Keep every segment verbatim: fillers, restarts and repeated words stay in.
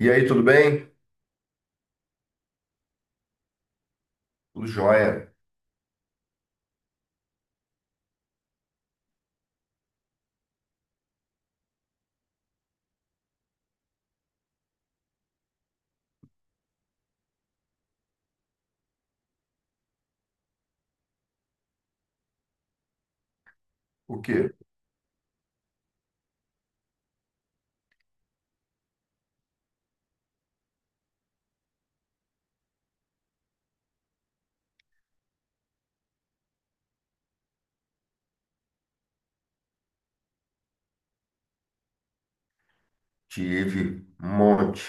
E aí, tudo bem? Tudo jóia. O quê? Tive um monte.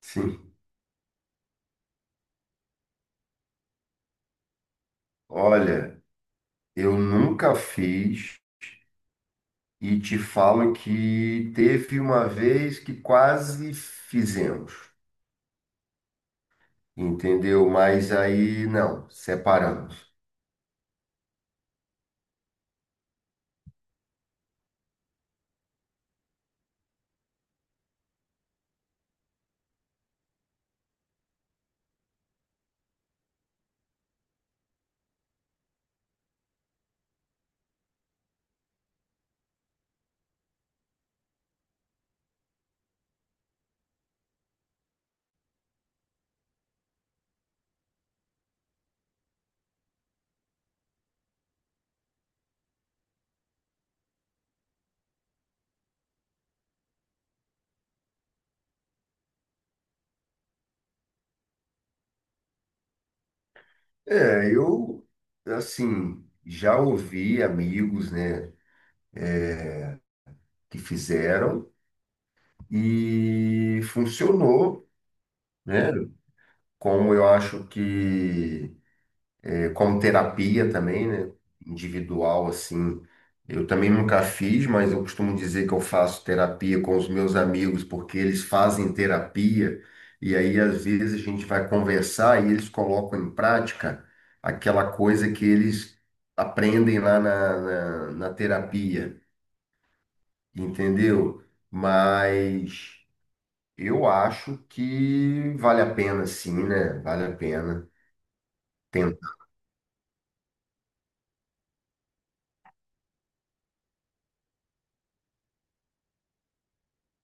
Sim. Olha, eu nunca fiz e te falo que teve uma vez que quase fizemos, entendeu? Mas aí não, separamos. É, eu, assim, já ouvi amigos, né, que fizeram e funcionou, né? Como eu acho que Como terapia também, né? Individual, assim. Eu também nunca fiz, mas eu costumo dizer que eu faço terapia com os meus amigos, porque eles fazem terapia, e aí às vezes a gente vai conversar e eles colocam em prática aquela coisa que eles aprendem lá na, na, na terapia, entendeu? Mas eu acho que vale a pena, sim, né? Vale a pena tentar.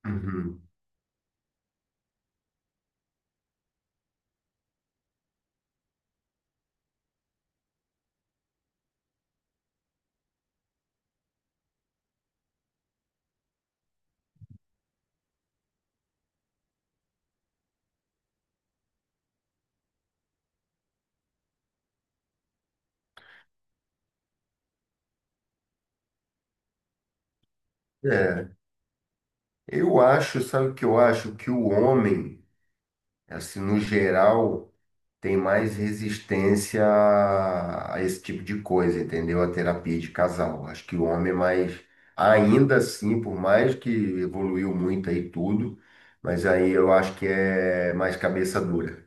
Uhum. É. Eu acho, sabe o que eu acho? Que o homem, assim, no geral, tem mais resistência a a esse tipo de coisa, entendeu? A terapia de casal. Acho que o homem é mais, ainda assim, por mais que evoluiu muito aí tudo, mas aí eu acho que é mais cabeça dura.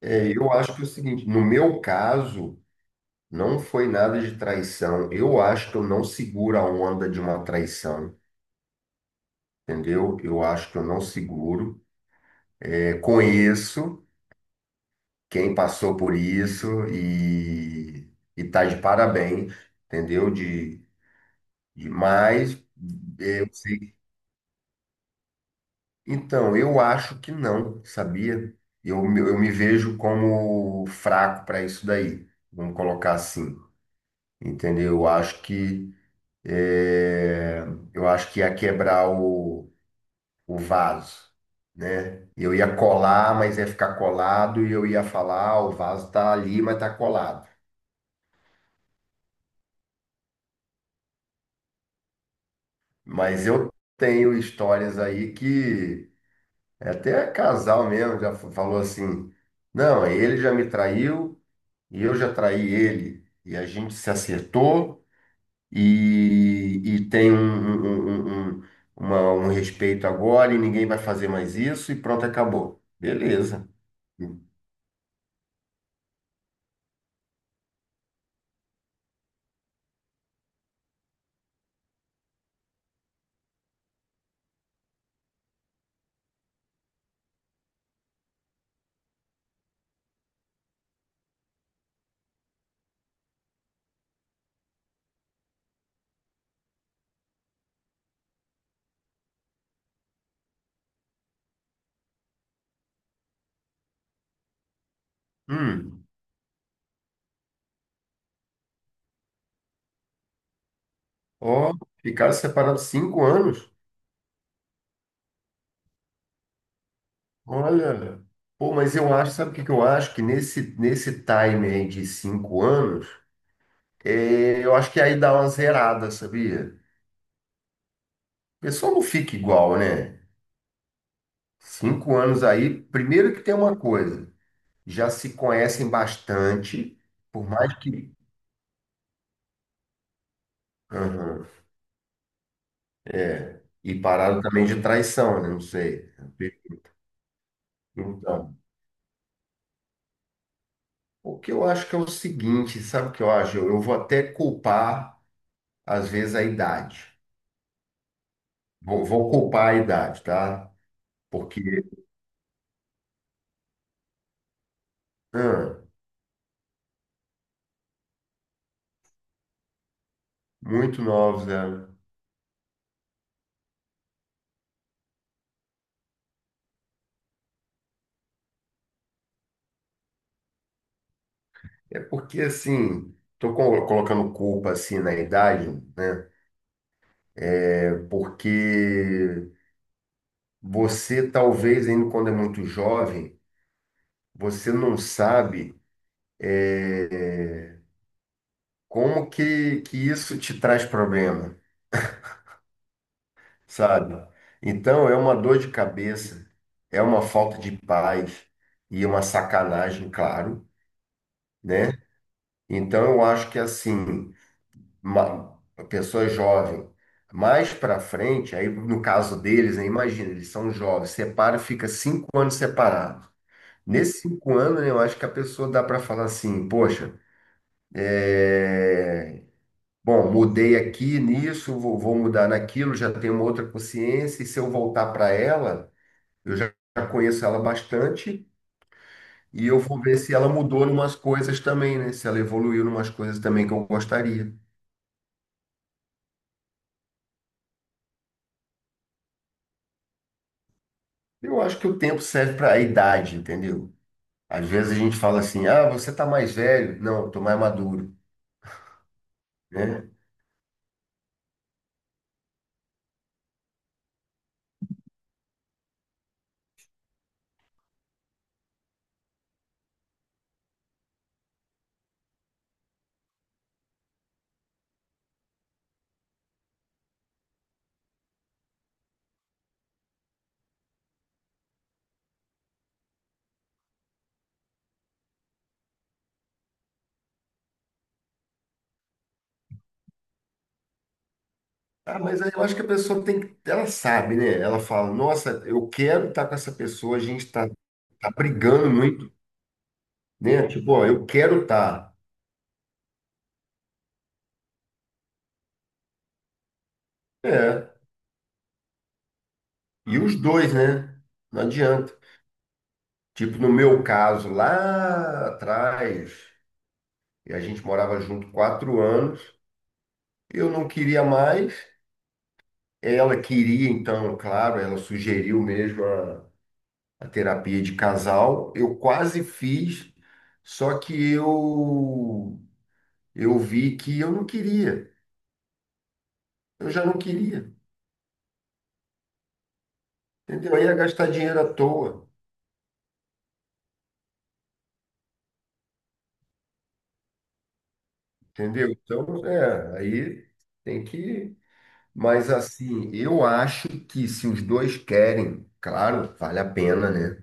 É, eu acho que é o seguinte, no meu caso, não foi nada de traição. Eu acho que eu não seguro a onda de uma traição, entendeu? Eu acho que eu não seguro. É, conheço quem passou por isso e, e tá de parabéns, entendeu? De, de mas eu sei. Então, eu acho que não, sabia? Eu, me- eu me vejo como fraco para isso daí, vamos colocar assim, entendeu? Eu acho que é, eu acho que ia quebrar o, o vaso. Né? Eu ia colar, mas ia ficar colado, e eu ia falar, "Ah, o vaso tá ali, mas tá colado." Mas eu tenho histórias aí que até casal mesmo já fa- falou assim: não, ele já me traiu e eu já traí ele. E a gente se acertou e, e tem um, um, um, um- um, uma- um respeito agora e ninguém vai fazer mais isso e pronto, acabou. Beleza. Hum, ó, ficaram separados cinco anos. Olha, pô, mas eu acho, sabe o que que eu acho? Que nesse, nesse time aí de cinco anos. É, eu acho que aí dá uma zerada, sabia? A pessoa não fica igual, né? Cinco anos aí, primeiro que tem uma coisa, já se conhecem bastante, por mais que. Aham. E pararam também de traição, né? Não sei. Então, o que eu acho que é o seguinte, sabe o que eu acho? Eu, eu vou até culpar, às vezes, a idade. Vou, vou culpar a idade, tá? Porque, ah, muito novos, né? É porque, assim, tô co- colocando culpa, assim, na idade, né? É porque você, talvez, ainda quando é muito jovem, você não sabe como que, que isso te traz problema, sabe? Então, é uma dor de cabeça, é uma falta de paz e uma sacanagem, claro, né? Então, eu acho que, assim, uma uma pessoa jovem. Mais para frente, aí no caso deles, né, imagina, eles são jovens, separa, fica cinco anos separado. Nesses cinco anos, né, eu acho que a pessoa dá para falar assim, poxa, é, bom, mudei aqui nisso, vou, vou mudar naquilo, já tenho uma outra consciência, e se eu voltar para ela, eu já já conheço ela bastante, e eu vou ver se ela mudou em umas coisas também, né? Se ela evoluiu em umas coisas também que eu gostaria. Eu acho que o tempo serve para a idade, entendeu? Às vezes a gente fala assim, ah, você tá mais velho. Não, eu tô mais maduro, né? Ah, mas aí eu acho que a pessoa tem que, ela sabe, né? Ela fala, nossa, eu quero estar com essa pessoa, a gente tá, tá, brigando muito, né? Tipo, ó, eu quero estar. É, e os dois, né? Não adianta. Tipo, no meu caso, lá atrás, e a gente morava junto quatro anos, eu não queria mais. Ela queria, então, claro, ela sugeriu mesmo a, a terapia de casal. Eu quase fiz, só que eu eu vi que eu não queria. Eu já não queria, entendeu? Aí ia gastar dinheiro à toa, entendeu? Então, é, aí tem que. Mas assim, eu acho que se os dois querem, claro, vale a pena, né?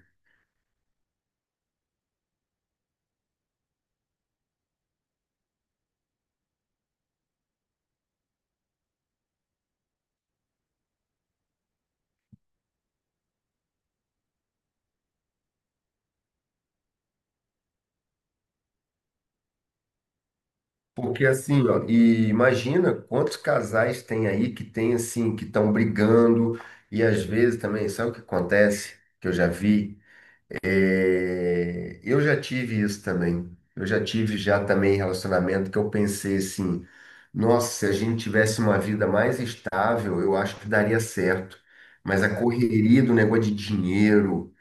Porque assim, ó, e imagina quantos casais tem aí que tem assim, que estão brigando, e às vezes também, sabe o que acontece? Que eu já vi. É, eu já tive isso também. Eu já tive já também relacionamento que eu pensei assim, nossa, se a gente tivesse uma vida mais estável, eu acho que daria certo. Mas a correria do negócio de dinheiro,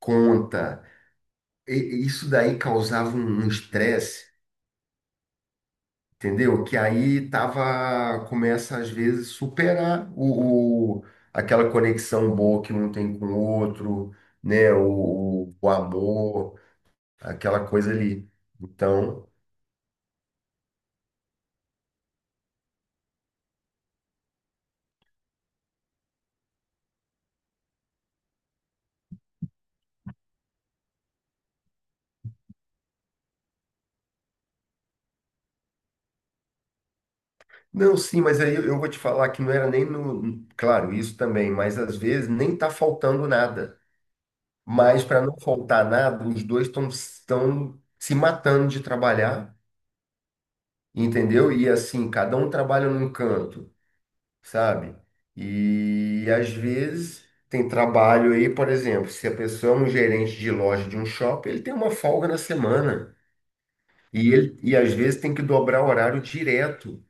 conta, e- e isso daí causava um um estresse. Entendeu? Que aí tava, começa às vezes superar o, o- aquela conexão boa que um tem com o outro, né? O, o, amor, aquela coisa ali. Então, não, sim, mas aí eu vou te falar que não era nem no, claro, isso também, mas às vezes nem tá faltando nada. Mas para não faltar nada, os dois estão estão se matando de trabalhar, entendeu? E assim, cada um trabalha num canto. Sabe? E às vezes tem trabalho aí, por exemplo, se a pessoa é um gerente de loja de um shopping, ele tem uma folga na semana e ele e às vezes tem que dobrar o horário direto,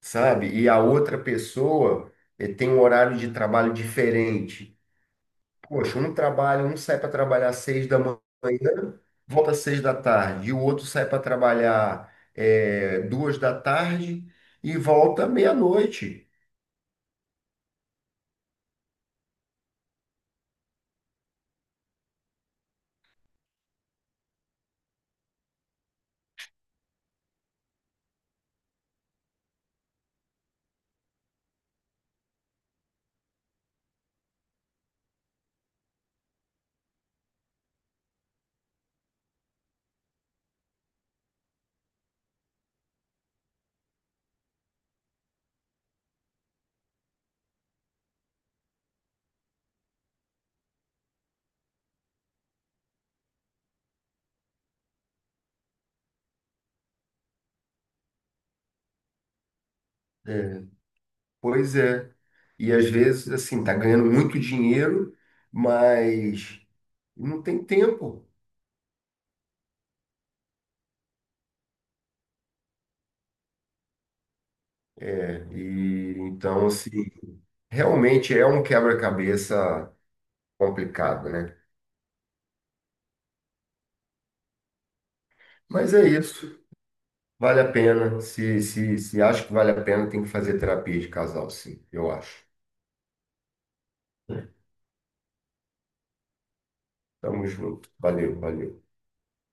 sabe? E a outra pessoa eh, tem um horário de trabalho diferente. Poxa, um trabalha, um sai para trabalhar às seis da manhã, volta às seis da tarde, e o outro sai para trabalhar eh, duas da tarde e volta meia-noite. Né? Pois é. E às vezes, assim, tá ganhando muito dinheiro, mas não tem tempo. É, e então, assim, realmente é um quebra-cabeça complicado, né? Mas é isso. Vale a pena. Se, se, se acha que vale a pena, tem que fazer terapia de casal, sim, eu acho. Tamo junto. Valeu, valeu.